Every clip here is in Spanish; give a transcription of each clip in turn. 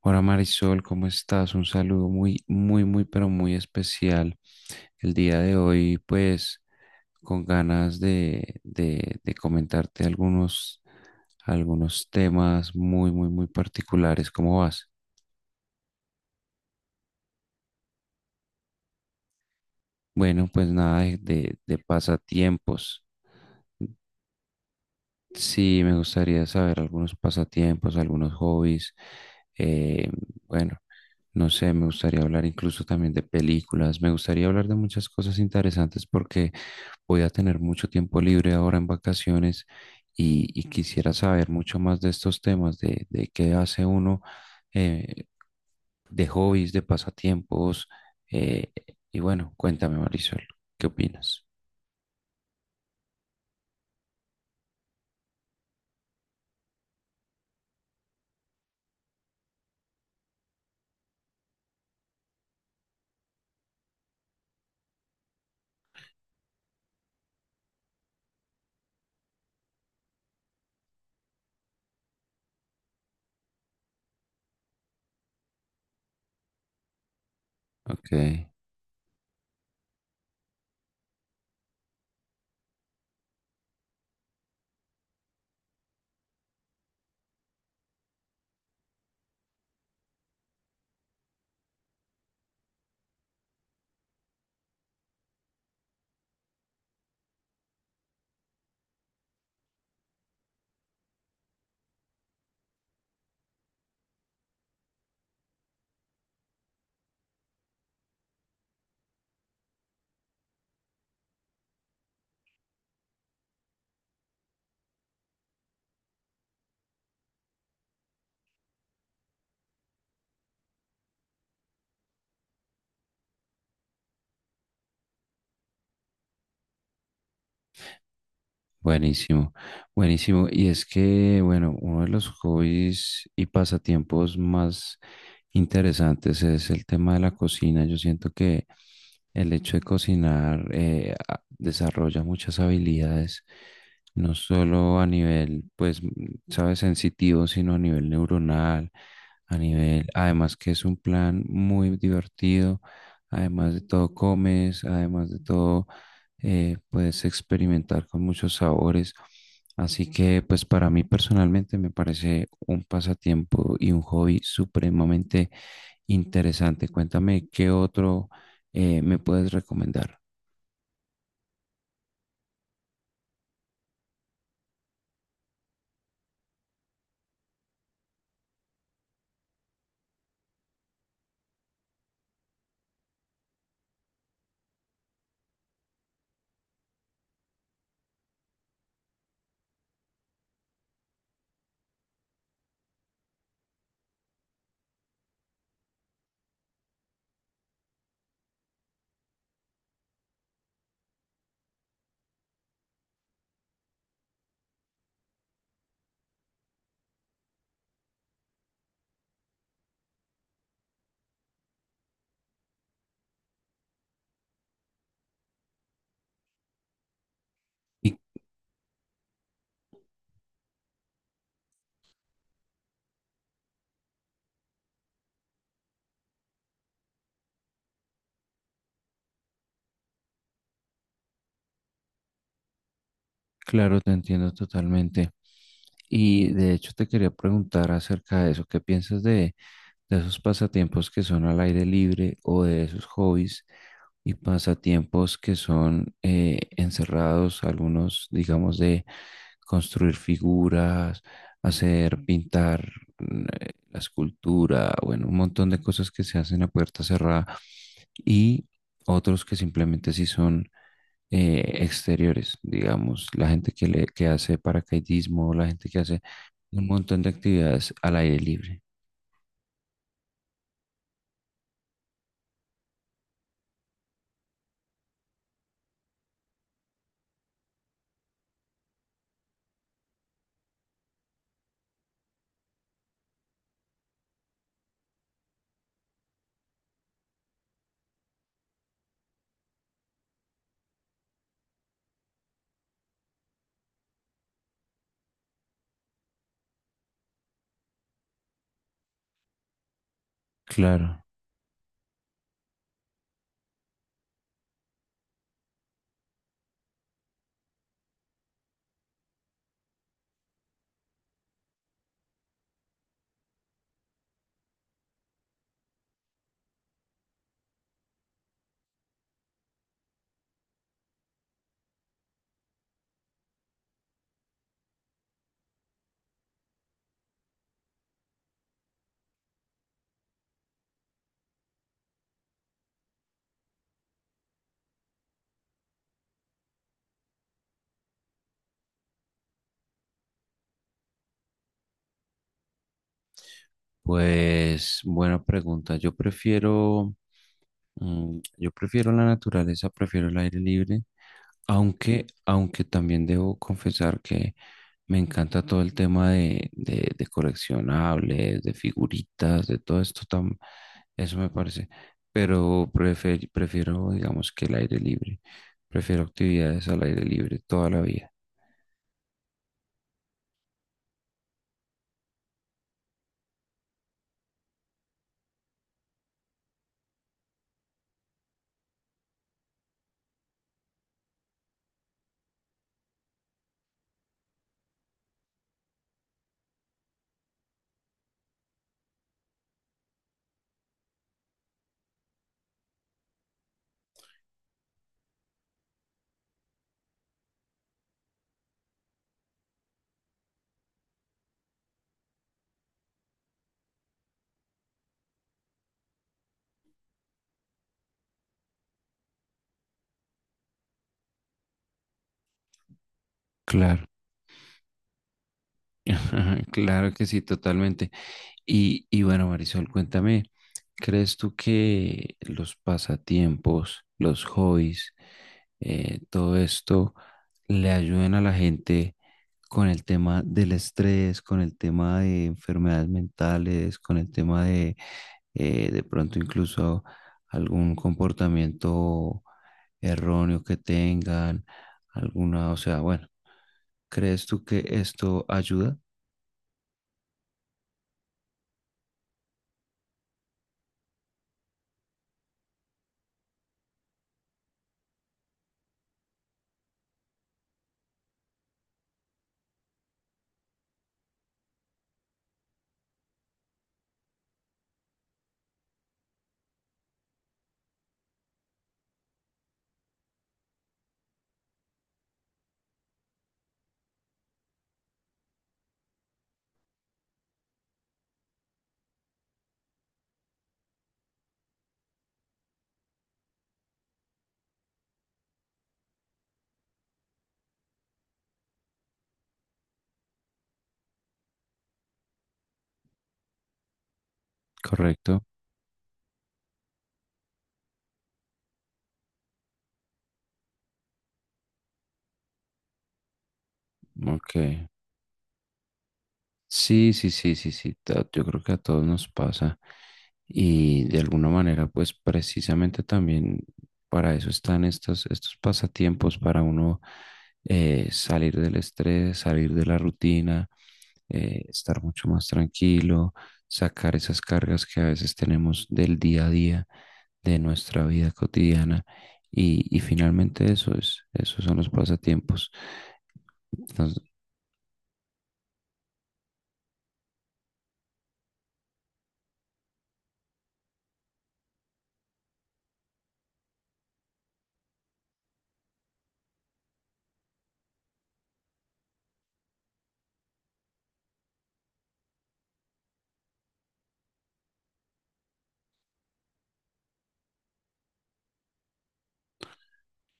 Hola, Marisol, ¿cómo estás? Un saludo muy, muy, muy, pero muy especial. El día de hoy, pues, con ganas de comentarte algunos temas muy, muy, muy particulares. ¿Cómo vas? Bueno, pues nada de pasatiempos. Sí, me gustaría saber algunos pasatiempos, algunos hobbies. Eh, bueno, no sé, me gustaría hablar incluso también de películas. Me gustaría hablar de muchas cosas interesantes porque voy a tener mucho tiempo libre ahora en vacaciones y quisiera saber mucho más de estos temas, de qué hace uno, eh, de hobbies, de pasatiempos. eh, y bueno, cuéntame, Marisol, ¿qué opinas? Ok, buenísimo, buenísimo. Y es que, bueno, uno de los hobbies y pasatiempos más interesantes es el tema de la cocina. Yo siento que el hecho de cocinar desarrolla muchas habilidades no solo a nivel, pues, sabes, sensitivo, sino a nivel neuronal, a nivel, además que es un plan muy divertido, además de todo comes, además de todo puedes experimentar con muchos sabores. Así que, pues, para mí personalmente me parece un pasatiempo y un hobby supremamente interesante. Cuéntame, ¿qué otro me puedes recomendar? Y claro, te entiendo totalmente. Y de hecho te quería preguntar acerca de eso, ¿qué piensas de esos pasatiempos que son al aire libre o de esos hobbies y pasatiempos que son encerrados, algunos digamos de construir figuras, hacer pintar la escultura, bueno, un montón de cosas que se hacen a puerta cerrada? Y otros que simplemente sí son exteriores, digamos, la gente que, le, que hace paracaidismo, la gente que hace un montón de actividades al aire libre. Claro, pues buena pregunta. Yo prefiero, yo prefiero la naturaleza, prefiero el aire libre. Aunque, aunque también debo confesar que me encanta todo el tema de coleccionables, de figuritas, de todo esto, eso me parece. Pero prefiero, digamos, que el aire libre. Prefiero actividades al aire libre toda la vida. Claro, claro que sí, totalmente. Y bueno, Marisol, cuéntame, ¿crees tú que los pasatiempos, los hobbies, todo esto le ayuden a la gente con el tema del estrés, con el tema de enfermedades mentales, con el tema de pronto incluso algún comportamiento erróneo que tengan, alguna, o sea, bueno, ¿crees tú que esto ayuda? Correcto. Ok. Sí, sí, sí, sí, sí, yo creo que a todos nos pasa y de alguna manera pues precisamente también para eso están estos pasatiempos, para uno salir del estrés, salir de la rutina, estar mucho más tranquilo, sacar esas cargas que a veces tenemos del día a día, de nuestra vida cotidiana y finalmente eso es, esos son los pasatiempos.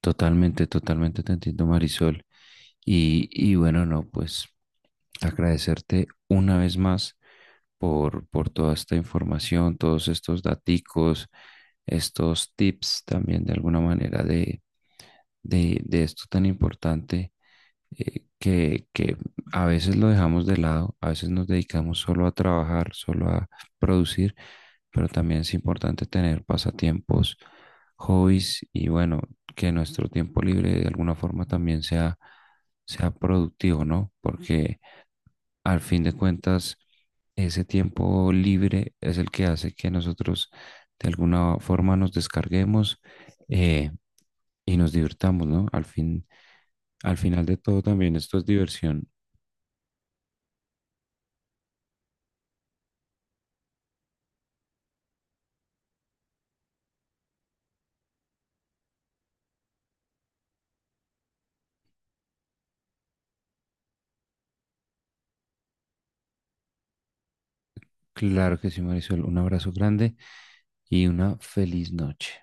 Totalmente, totalmente te entiendo, Marisol. Y bueno, no, pues agradecerte una vez más por toda esta información, todos estos daticos, estos tips también de alguna manera de esto tan importante que a veces lo dejamos de lado, a veces nos dedicamos solo a trabajar, solo a producir, pero también es importante tener pasatiempos, hobbies y bueno, que nuestro tiempo libre de alguna forma también sea, sea productivo, ¿no? Porque al fin de cuentas, ese tiempo libre es el que hace que nosotros de alguna forma nos descarguemos eh, y nos divirtamos, ¿no? Al fin, al final de todo también esto es diversión. Claro que sí, Marisol. Un abrazo grande y una feliz noche.